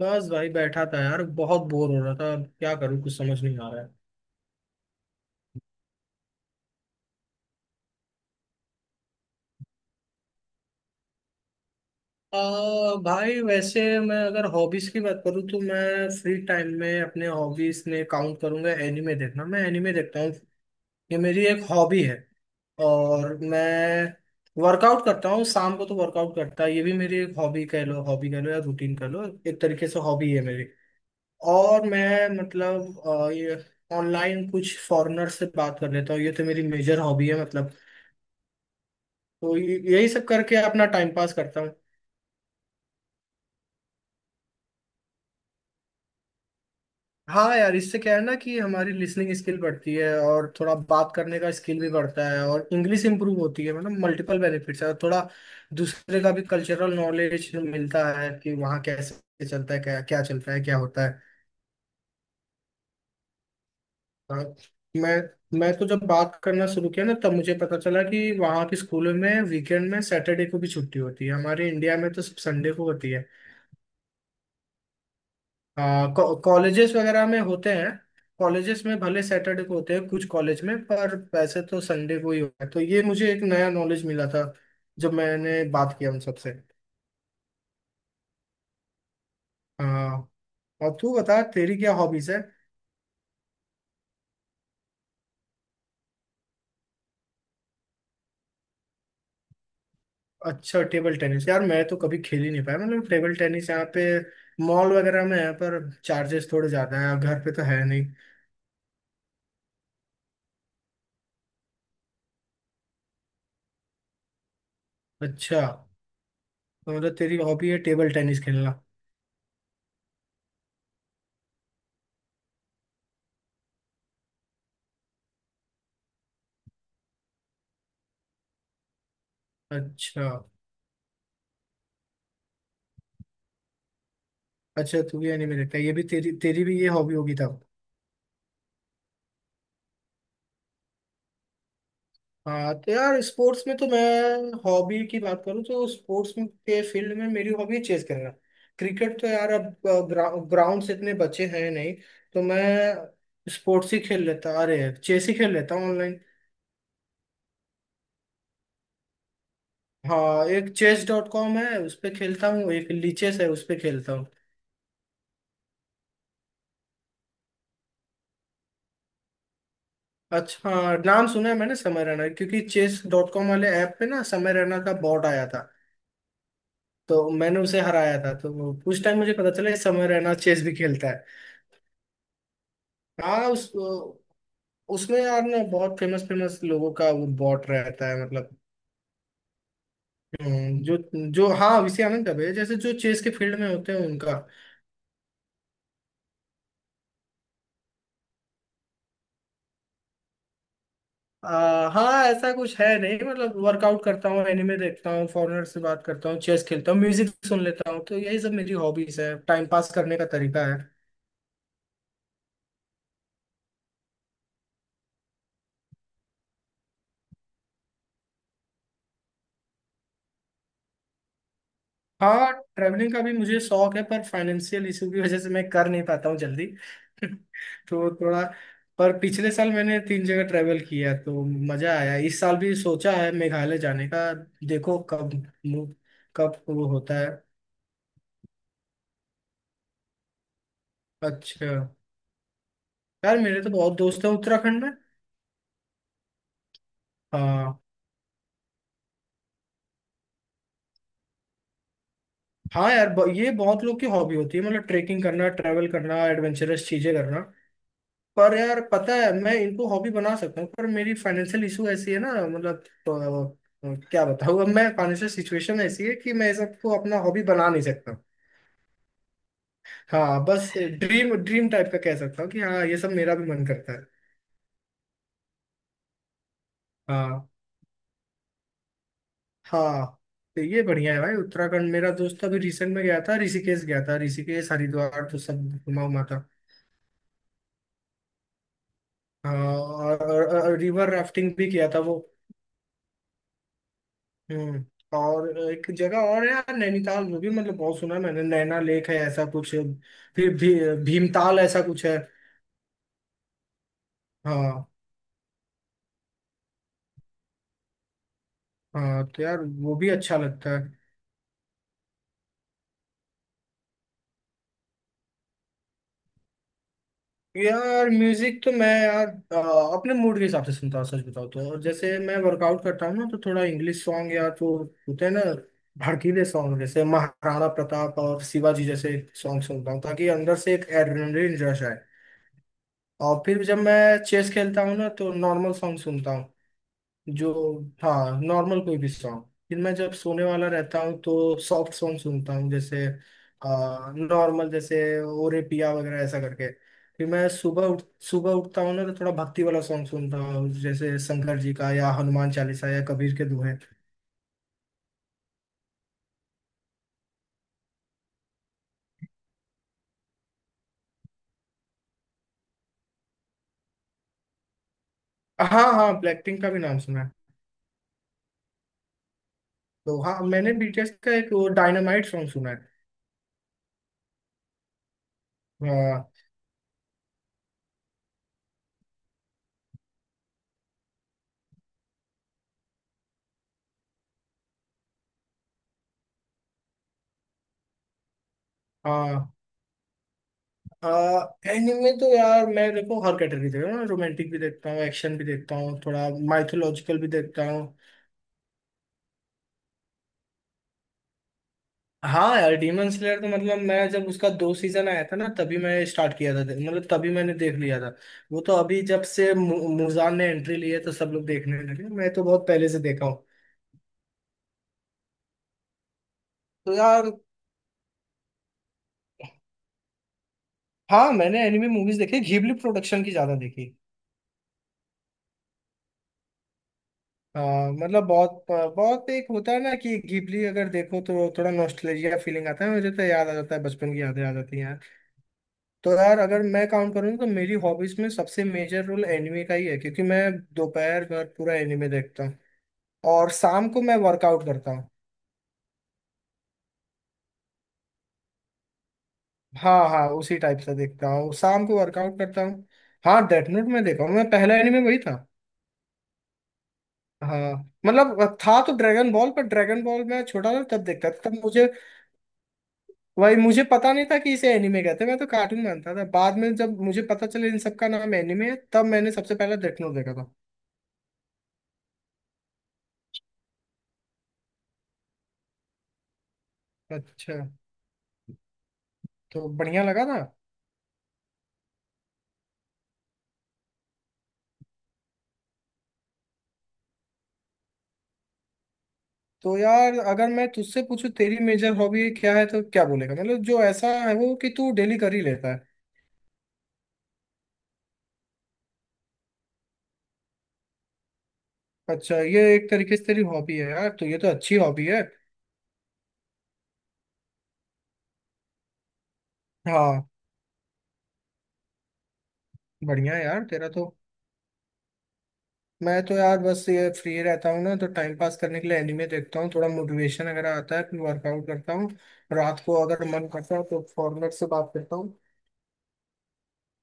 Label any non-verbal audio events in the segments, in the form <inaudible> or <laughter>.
बस भाई बैठा था यार। बहुत बोर हो रहा था। अब क्या करूँ, कुछ समझ नहीं आ रहा है। भाई वैसे मैं अगर हॉबीज की बात करूँ तो मैं फ्री टाइम में अपने हॉबीज में काउंट करूंगा एनिमे देखना। मैं एनिमे देखता हूँ, ये मेरी एक हॉबी है। और मैं वर्कआउट करता हूँ शाम को, तो वर्कआउट करता है ये भी मेरी एक हॉबी कह लो, हॉबी कह लो या रूटीन कह लो, एक तरीके से हॉबी है मेरी। और मैं मतलब ये ऑनलाइन कुछ फॉरेनर से बात कर लेता हूँ, ये तो मेरी मेजर हॉबी है मतलब। तो यही सब करके अपना टाइम पास करता हूँ। हाँ यार, इससे क्या है ना कि हमारी लिसनिंग स्किल बढ़ती है, और थोड़ा बात करने का स्किल भी बढ़ता है, और इंग्लिश इंप्रूव होती है। मतलब मल्टीपल बेनिफिट्स है। और थोड़ा दूसरे का भी कल्चरल नॉलेज मिलता है कि वहाँ कैसे चलता है, क्या क्या चलता है, क्या होता है। हाँ, मैं तो जब बात करना शुरू किया ना तब मुझे पता चला कि वहाँ के स्कूलों में वीकेंड में सैटरडे को भी छुट्टी होती है। हमारे इंडिया में तो सिर्फ संडे को होती है। हाँ, कॉलेजेस वगैरह में होते हैं। कॉलेजेस में भले सैटरडे को होते हैं कुछ कॉलेज में, पर वैसे तो संडे को ही होता है। तो ये मुझे एक नया नॉलेज मिला था जब मैंने बात किया उन सबसे। हाँ, और तू बता, तेरी क्या हॉबीज है। अच्छा, टेबल टेनिस। यार मैं तो कभी खेल ही नहीं पाया। मतलब टेबल टेनिस यहाँ पे मॉल वगैरह में है, पर चार्जेस थोड़े ज्यादा हैं। घर पे तो है नहीं। अच्छा, तो मतलब तेरी हॉबी है टेबल टेनिस खेलना। अच्छा, अच्छा, तू भी एनिमे देखता है। ये भी तेरी तेरी भी ये हॉबी होगी तब। हाँ, तो यार स्पोर्ट्स में तो मैं, हॉबी की बात करूँ तो स्पोर्ट्स में के फील्ड में मेरी हॉबी चेस करना। क्रिकेट तो यार अब ग्राउंड से इतने बच्चे हैं नहीं। तो मैं स्पोर्ट्स ही खेल लेता, अरे चेस ही खेल लेता हूँ ऑनलाइन। हाँ, एक चेस डॉट कॉम है, उस पर खेलता हूँ, एक लीचेस है, उस पर खेलता हूँ। अच्छा हाँ, नाम सुना है मैंने समय रैना, क्योंकि चेस डॉट कॉम वाले ऐप पे ना समय रैना का बॉट आया था। तो मैंने उसे हराया था, तो उस टाइम मुझे पता चला ये समय रैना चेस भी खेलता है। हाँ, उस उसमें यार ना बहुत फेमस फेमस लोगों का वो बॉट रहता है मतलब। जो जो हाँ विषय आनंद दबे जैसे जो चेस के फील्ड में होते हैं उनका। हाँ ऐसा कुछ है नहीं। मतलब वर्कआउट करता हूँ, एनिमे देखता हूँ, फॉरेनर से बात करता हूँ, चेस खेलता हूँ, म्यूजिक सुन लेता हूँ। तो यही सब मेरी हॉबीज है, टाइम पास करने का तरीका है। हाँ, ट्रैवलिंग का भी मुझे शौक है, पर फाइनेंशियल इशू की वजह से मैं कर नहीं पाता हूँ जल्दी। <laughs> तो थोड़ा, पर पिछले साल मैंने तीन जगह ट्रैवल किया तो मजा आया। इस साल भी सोचा है मेघालय जाने का। देखो कब, मु- कब वो होता है। अच्छा, यार मेरे तो बहुत दोस्त हैं उत्तराखंड में। हाँ हाँ, यार ये बहुत लोग की हॉबी होती है, मतलब ट्रेकिंग करना, ट्रैवल करना, एडवेंचरस चीजें करना। पर यार पता है, मैं इनको हॉबी बना सकता हूँ, पर मेरी फाइनेंशियल इशू ऐसी है ना। मतलब तो, क्या बताऊँ अब। मैं, फाइनेंशियल सिचुएशन ऐसी है कि मैं ये सबको अपना हॉबी बना नहीं सकता। हाँ बस, ड्रीम ड्रीम टाइप का कह सकता हूँ कि हाँ ये सब मेरा भी मन करता है। हाँ हाँ, तो ये बढ़िया है भाई उत्तराखंड। मेरा दोस्त अभी रिसेंट में गया था, ऋषिकेश गया था, ऋषिकेश हरिद्वार तो सब घुमा उमा था। हाँ और, रिवर राफ्टिंग भी किया था वो। हम्म। और एक जगह और है यार नैनीताल, वो भी मतलब बहुत सुना है मैंने, नैना लेक है ऐसा कुछ। फिर भीमताल ऐसा कुछ है। हाँ हाँ, तो यार वो भी अच्छा लगता है। यार म्यूजिक तो मैं अपने मूड के हिसाब से सुनता हूँ, सच बताऊँ तो। और जैसे मैं वर्कआउट करता हूँ ना तो थोड़ा इंग्लिश सॉन्ग या तो होते हैं ना, भड़कीले सॉन्ग जैसे महाराणा प्रताप और शिवाजी जैसे सॉन्ग सुनता हूँ, ताकि अंदर से एक एड्रेनलिन रश आए। और फिर जब मैं चेस खेलता हूँ ना तो नॉर्मल सॉन्ग सुनता हूँ, जो, हाँ नॉर्मल कोई भी सॉन्ग। फिर मैं जब सोने वाला रहता हूँ तो सॉफ्ट सॉन्ग सुनता हूँ जैसे, नॉर्मल जैसे ओरे पिया वगैरह ऐसा करके। फिर मैं सुबह उठता हूँ ना तो थोड़ा भक्ति वाला सॉन्ग सुनता हूँ जैसे शंकर जी का या हनुमान चालीसा या कबीर के दोहे। हाँ हाँ, ब्लैकपिंक का भी नाम सुना है। तो हाँ मैंने बीटीएस का एक वो डायनामाइट सॉन्ग सुना है। हाँ हाँ, एनिमे तो यार मैं देखो हर कैटेगरी देखता हूँ। रोमांटिक भी देखता हूँ, एक्शन भी देखता हूँ, थोड़ा माइथोलॉजिकल भी देखता हूँ। हाँ यार, डीमन स्लेयर तो मतलब मैं जब उसका दो सीजन आया था ना तभी मैं स्टार्ट किया था, मतलब तभी मैंने देख लिया था। वो तो अभी जब से मुजान ने एंट्री ली है तो सब लोग देखने लगे, मैं तो बहुत पहले से देखा हूँ। तो यार, हाँ मैंने एनिमे मूवीज देखी, घिबली प्रोडक्शन की ज्यादा देखी। हाँ मतलब बहुत बहुत, एक होता है ना कि घिबली अगर देखो तो थोड़ा नॉस्टैल्जिया फीलिंग आता है, मुझे तो याद आ जाता है, बचपन की यादें आ जाती हैं। तो यार अगर मैं काउंट करूँ तो मेरी हॉबीज में सबसे मेजर रोल एनिमे का ही है, क्योंकि मैं दोपहर भर पूरा एनिमे देखता हूँ। और शाम को मैं वर्कआउट करता हूँ। हाँ हाँ, उसी टाइप से देखता हूँ, शाम को वर्कआउट करता हूँ। हाँ डेथ नोट में देखा हूँ, मैं पहला एनिमे वही था। हाँ मतलब, था तो ड्रैगन बॉल, पर ड्रैगन बॉल मैं छोटा था तब देखता था, तब मुझे, वही, मुझे पता नहीं था कि इसे एनिमे कहते हैं। मैं तो कार्टून मानता था। बाद में जब मुझे पता चला इन सब का नाम एनिमे है, तब मैंने सबसे पहले डेथ नोट देखा था। अच्छा, तो बढ़िया लगा था। तो यार अगर मैं तुझसे पूछूं तेरी मेजर हॉबी क्या है तो क्या बोलेगा, मतलब जो ऐसा है वो कि तू डेली कर ही लेता है। अच्छा, ये एक तरीके से तेरी हॉबी है यार, तो ये तो अच्छी हॉबी है। हाँ, बढ़िया है यार तेरा तो। मैं तो यार बस ये फ्री रहता हूँ ना, तो टाइम पास करने के लिए एनिमे देखता हूँ, थोड़ा मोटिवेशन अगर आता है फिर वर्कआउट करता हूँ। रात को अगर मन करता है तो फॉरनर से बात करता हूँ।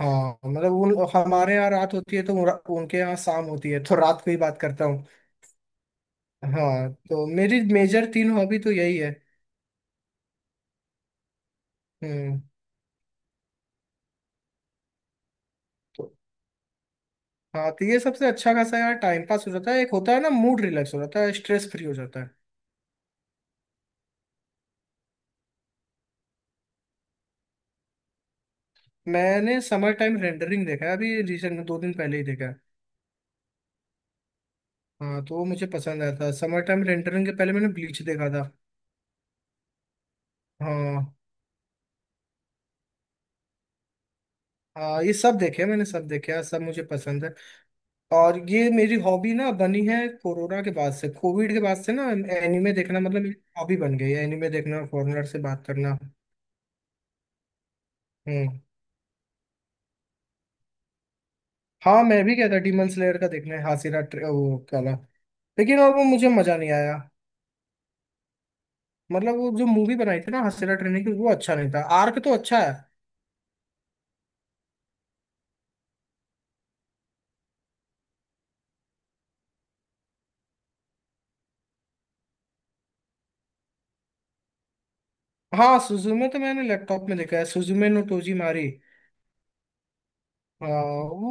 हाँ मतलब उन, हमारे यहाँ रात होती है तो उनके यहाँ शाम होती है, तो रात को ही बात करता हूँ। हाँ तो मेरी मेजर तीन हॉबी तो यही है। हम्म। तो हाँ तो ये सबसे अच्छा खासा यार टाइम पास हो जाता है, एक होता है ना मूड रिलैक्स हो जाता है, स्ट्रेस फ्री हो जाता है। मैंने समर टाइम रेंडरिंग देखा है अभी रिसेंट में, 2 दिन पहले ही देखा है। हाँ, तो वो मुझे पसंद आया था। समर टाइम रेंटरिंग के पहले मैंने ब्लीच देखा था। हाँ हाँ, ये सब देखे मैंने, सब देखे हाँ, सब मुझे पसंद है। और ये मेरी हॉबी ना बनी है कोरोना के बाद से, कोविड के बाद से ना, एनिमे देखना मतलब मेरी हॉबी बन गई है, एनिमे देखना, फॉरेनर से बात करना। हम्म। हाँ मैं भी कहता डीमन स्लेयर का देखना है, हासिरा वो काला, लेकिन, और वो मुझे मजा नहीं आया। मतलब वो जो मूवी बनाई थी ना हासिरा ट्रेनिंग की, वो अच्छा नहीं था, आर्क तो अच्छा है। हाँ, सुजुमे तो मैंने लैपटॉप में देखा है, सुजुमे नो टोजी मारी। हाँ,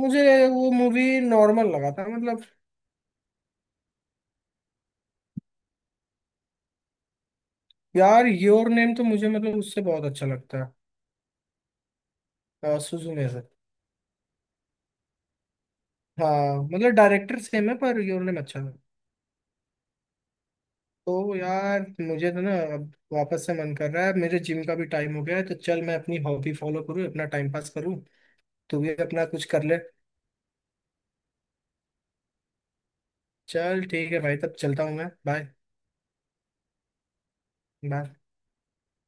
मुझे वो मूवी नॉर्मल लगा था मतलब। यार योर नेम तो मुझे मतलब उससे बहुत अच्छा लगता है, सुजुमे से। हाँ, मतलब डायरेक्टर सेम है, पर योर नेम अच्छा था। तो यार मुझे तो ना अब वापस से मन कर रहा है, मेरे जिम का भी टाइम हो गया है। तो चल, मैं अपनी हॉबी फॉलो करूँ, अपना टाइम पास करूँ। तू भी अपना कुछ कर ले। चल ठीक है भाई, तब चलता हूँ मैं, बाय। बाय।